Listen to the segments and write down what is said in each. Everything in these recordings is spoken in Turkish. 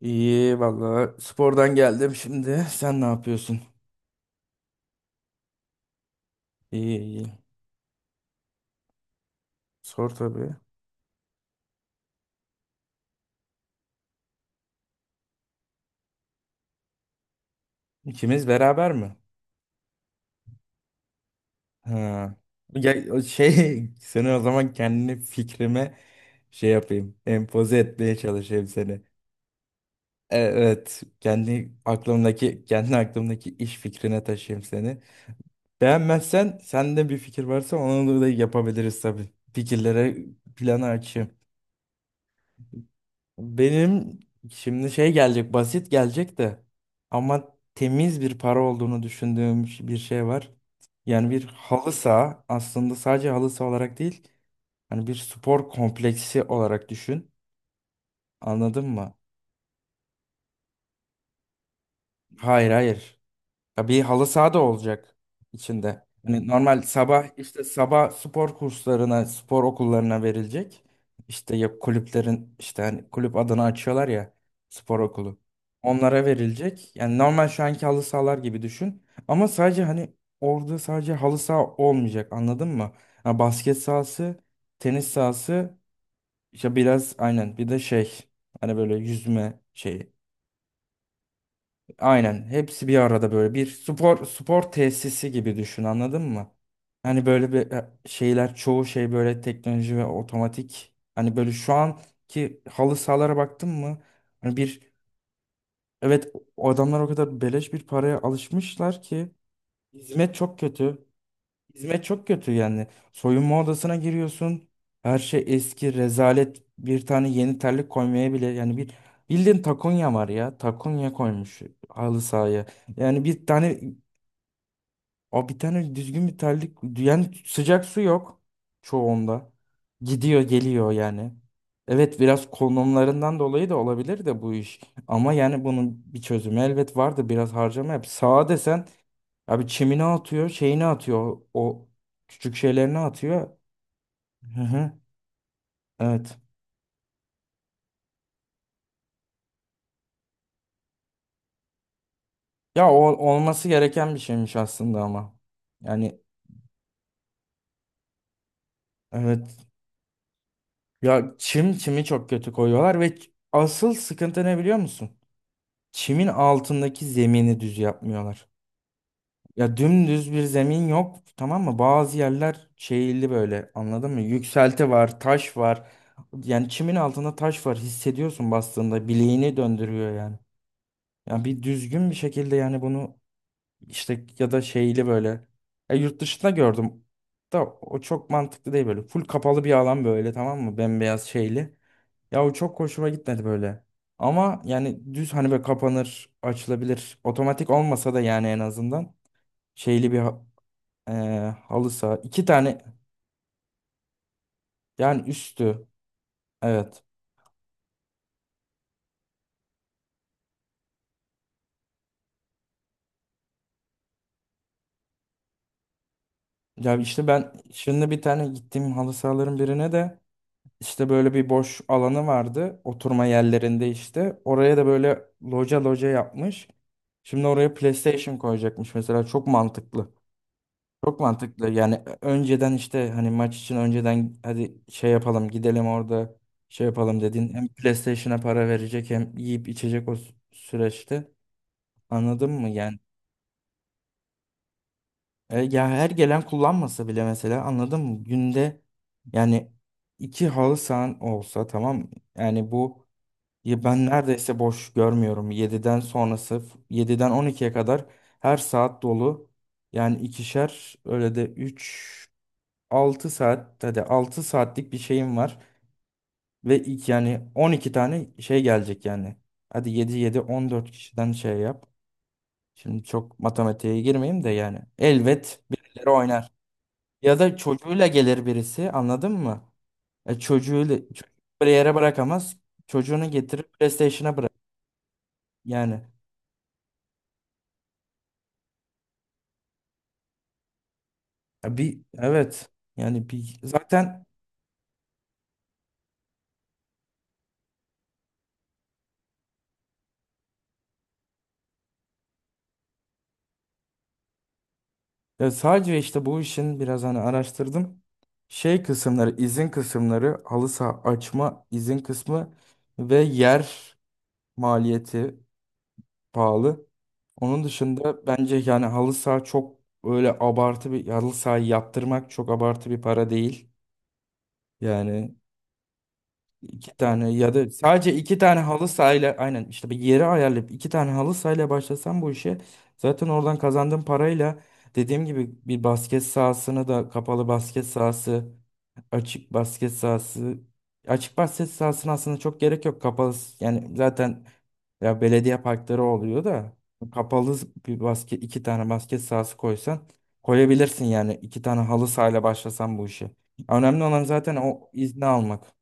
İyi valla spordan geldim şimdi. Sen ne yapıyorsun? İyi iyi. Sor tabii. İkimiz beraber mi? Ha. Ya, o şey seni o zaman kendi fikrime şey yapayım. Empoze etmeye çalışayım seni. Evet. Kendi aklımdaki iş fikrine taşıyayım seni. Beğenmezsen sende bir fikir varsa onu da yapabiliriz tabii. Fikirlere planı açayım. Benim şimdi şey gelecek basit gelecek de ama temiz bir para olduğunu düşündüğüm bir şey var. Yani bir halı saha aslında sadece halı saha olarak değil hani bir spor kompleksi olarak düşün. Anladın mı? Hayır hayır. Ya bir halı saha da olacak içinde. Hani normal sabah işte sabah spor kurslarına, spor okullarına verilecek. İşte ya kulüplerin işte hani kulüp adını açıyorlar ya spor okulu. Onlara verilecek. Yani normal şu anki halı sahalar gibi düşün. Ama sadece hani orada sadece halı saha olmayacak anladın mı? Ya basket sahası, tenis sahası, işte biraz aynen bir de şey hani böyle yüzme şeyi. Aynen. Hepsi bir arada böyle bir spor tesisi gibi düşün anladın mı? Hani böyle bir şeyler çoğu şey böyle teknoloji ve otomatik. Hani böyle şu anki halı sahalara baktın mı? Hani bir evet o adamlar o kadar beleş bir paraya alışmışlar ki hizmet çok kötü. Hizmet çok kötü yani. Soyunma odasına giriyorsun. Her şey eski, rezalet. Bir tane yeni terlik koymaya bile yani bir bildiğin takonya var ya. Takonya koymuş halı sahaya. Yani bir tane düzgün bir terlik yani sıcak su yok çoğunda. Gidiyor geliyor yani. Evet biraz konumlarından dolayı da olabilir de bu iş. Ama yani bunun bir çözümü elbet vardı. Biraz harcama yap. Sağa desen abi çimini atıyor, şeyini atıyor, o küçük şeylerini atıyor. Hı hı. Evet. Ya o olması gereken bir şeymiş aslında ama. Yani evet. Ya çimi çok kötü koyuyorlar ve asıl sıkıntı ne biliyor musun? Çimin altındaki zemini düz yapmıyorlar. Ya dümdüz bir zemin yok tamam mı? Bazı yerler şeyli böyle anladın mı? Yükselti var, taş var. Yani çimin altında taş var hissediyorsun bastığında bileğini döndürüyor yani. Yani bir düzgün bir şekilde yani bunu işte ya da şeyli böyle. Yurt dışında gördüm da o çok mantıklı değil böyle. Full kapalı bir alan böyle tamam mı? Bembeyaz şeyli. Ya o çok hoşuma gitmedi böyle. Ama yani düz hani böyle kapanır, açılabilir. Otomatik olmasa da yani en azından şeyli bir e, halı saha. İki tane yani üstü. Evet. Ya işte ben şimdi bir tane gittiğim halı sahaların birine de İşte böyle bir boş alanı vardı oturma yerlerinde işte. Oraya da böyle loca loca yapmış. Şimdi oraya PlayStation koyacakmış mesela çok mantıklı. Çok mantıklı yani önceden işte hani maç için önceden hadi şey yapalım gidelim orada şey yapalım dedin. Hem PlayStation'a para verecek hem yiyip içecek o süreçte anladın mı yani? Ya her gelen kullanmasa bile mesela anladın mı? Günde yani iki halı sahan olsa tamam mı? Yani bu. Ya ben neredeyse boş görmüyorum. Yediden sonrası, 7'den 12'ye kadar her saat dolu. Yani ikişer, öyle de 3 6 saat, hadi 6 saatlik bir şeyim var. Ve ilk yani 12 tane şey gelecek yani. Hadi yedi yedi 14 kişiden şey yap. Şimdi çok matematiğe girmeyeyim de yani. Elbet birileri oynar. Ya da çocuğuyla gelir birisi, anladın mı? Çocuğu bir yere bırakamaz. Çocuğunu getirir PlayStation'a bırak. Yani. Ya bir evet yani bir zaten ya sadece işte bu işin biraz hani araştırdım. Şey kısımları, izin kısımları, halı saha açma izin kısmı ve yer maliyeti pahalı. Onun dışında bence yani halı saha çok öyle abartı bir halı sahayı yaptırmak çok abartı bir para değil. Yani. İki tane ya da sadece iki tane halı sahayla aynen işte bir yeri ayarlayıp iki tane halı sahayla başlasam bu işe zaten oradan kazandığım parayla dediğim gibi bir basket sahasını da kapalı basket sahası açık basket sahası açık basket sahasına aslında çok gerek yok kapalı yani zaten ya belediye parkları oluyor da kapalı bir basket iki tane basket sahası koysan koyabilirsin yani iki tane halı sahayla başlasan bu işe. Önemli olan zaten o izni almak.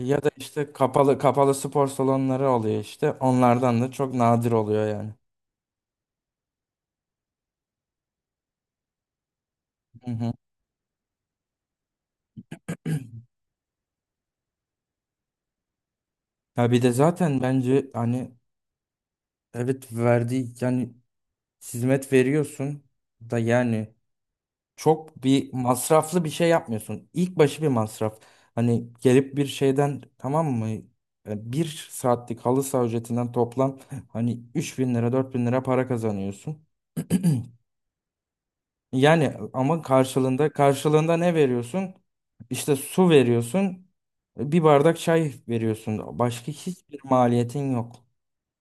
Ya da işte kapalı kapalı spor salonları oluyor işte. Onlardan da çok nadir oluyor yani. Hı hı. Ya bir de zaten bence hani evet verdiği yani hizmet veriyorsun da yani çok bir masraflı bir şey yapmıyorsun. İlk başı bir masraf. Hani gelip bir şeyden tamam mı? Bir saatlik halı saha ücretinden toplam hani 3.000 lira 4.000 lira para kazanıyorsun. Yani ama karşılığında ne veriyorsun? İşte su veriyorsun, bir bardak çay veriyorsun. Başka hiçbir maliyetin yok.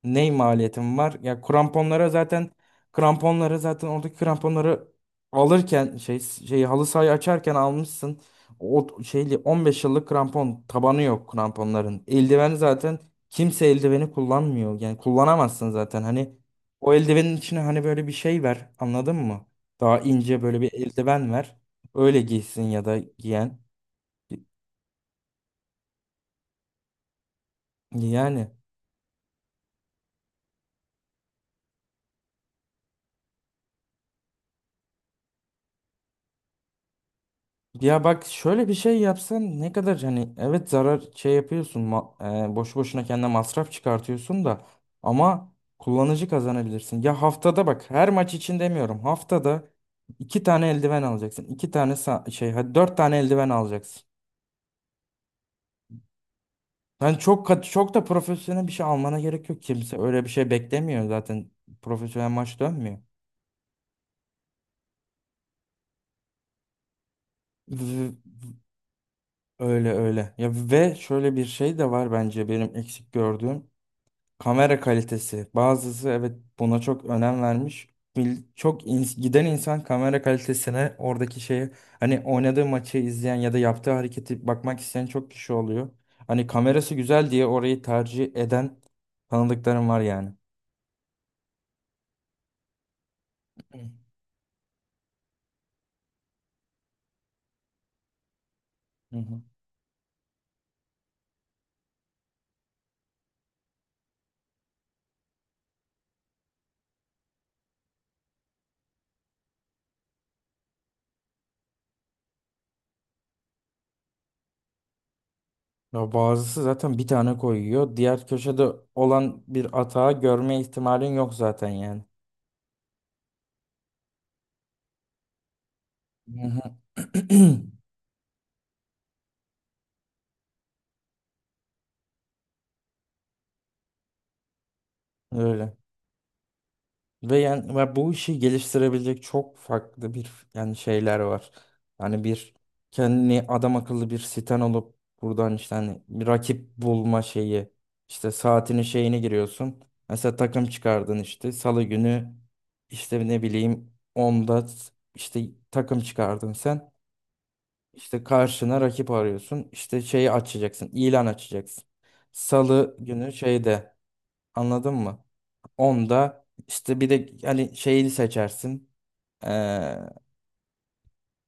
Ne maliyetim var? Ya kramponlara zaten kramponları zaten oradaki kramponları alırken şey halı sahayı açarken almışsın. O şeyli 15 yıllık krampon tabanı yok kramponların. Eldiven zaten kimse eldiveni kullanmıyor. Yani kullanamazsın zaten. Hani o eldivenin içine hani böyle bir şey ver. Anladın mı? Daha ince böyle bir eldiven ver. Öyle giysin ya da giyen. Yani. Ya bak şöyle bir şey yapsan ne kadar hani evet zarar şey yapıyorsun boşu boşuna kendine masraf çıkartıyorsun da ama kullanıcı kazanabilirsin. Ya haftada bak her maç için demiyorum haftada iki tane eldiven alacaksın. İki tane şey hadi dört tane eldiven alacaksın. Yani çok da profesyonel bir şey almana gerek yok. Kimse öyle bir şey beklemiyor zaten profesyonel maç dönmüyor. V- Öyle öyle. Ya ve şöyle bir şey de var bence benim eksik gördüğüm. Kamera kalitesi. Bazısı evet buna çok önem vermiş. Çok giden insan kamera kalitesine oradaki şeyi hani oynadığı maçı izleyen ya da yaptığı hareketi bakmak isteyen çok kişi oluyor. Hani kamerası güzel diye orayı tercih eden tanıdıklarım var yani. Hı hı. Ya bazısı zaten bir tane koyuyor. Diğer köşede olan bir atağı görme ihtimalin yok zaten yani. Hı hı. Öyle. Ve yani bu işi geliştirebilecek çok farklı bir yani şeyler var. Yani bir kendini adam akıllı bir siten olup buradan işte hani bir rakip bulma şeyi işte saatini şeyini giriyorsun. Mesela takım çıkardın işte salı günü işte ne bileyim onda işte takım çıkardın sen. İşte karşına rakip arıyorsun. İşte şeyi açacaksın, ilan açacaksın. Salı günü şeyde. Anladın mı? Onda işte bir de hani şeyi seçersin. Ee,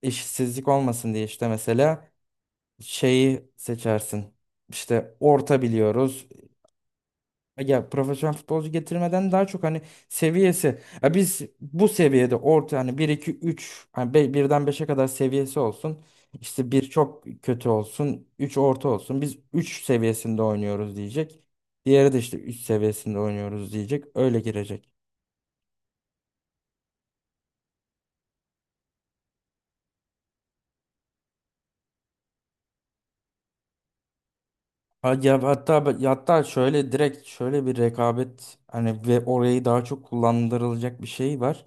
işsizlik olmasın diye işte mesela şeyi seçersin. İşte orta biliyoruz. Ya profesyonel futbolcu getirmeden daha çok hani seviyesi. Ya biz bu seviyede orta hani bir 2 3 hani birden beşe kadar seviyesi olsun. İşte bir çok kötü olsun, 3 orta olsun. Biz 3 seviyesinde oynuyoruz diyecek. Diğeri de işte 3 seviyesinde oynuyoruz diyecek. Öyle girecek. Ha, ya hatta şöyle direkt şöyle bir rekabet hani ve orayı daha çok kullandırılacak bir şey var.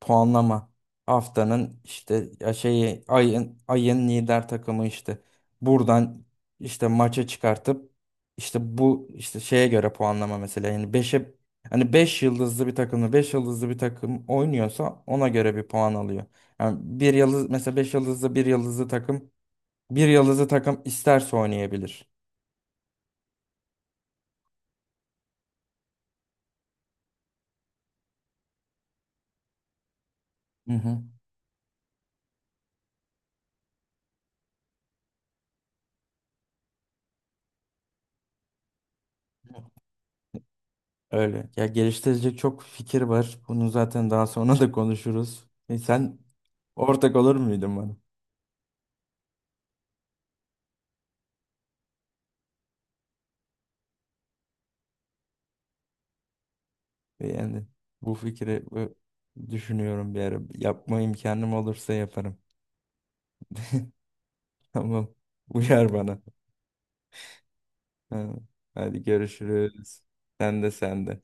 Puanlama. Haftanın işte ya şeyi ayın lider takımı işte buradan işte maça çıkartıp işte bu işte şeye göre puanlama mesela yani 5'e hani 5 yıldızlı bir takımla 5 yıldızlı bir takım oynuyorsa ona göre bir puan alıyor. Yani bir yıldız mesela 5 yıldızlı bir yıldızlı takım isterse oynayabilir. Hı hı. Öyle. Ya geliştirecek çok fikir var. Bunu zaten daha sonra da konuşuruz. Sen ortak olur muydun bana? Yani bu fikri düşünüyorum bir ara. Yapma imkanım olursa yaparım. Tamam. Uyar bana. Ha. Hadi görüşürüz. Sen de sen de.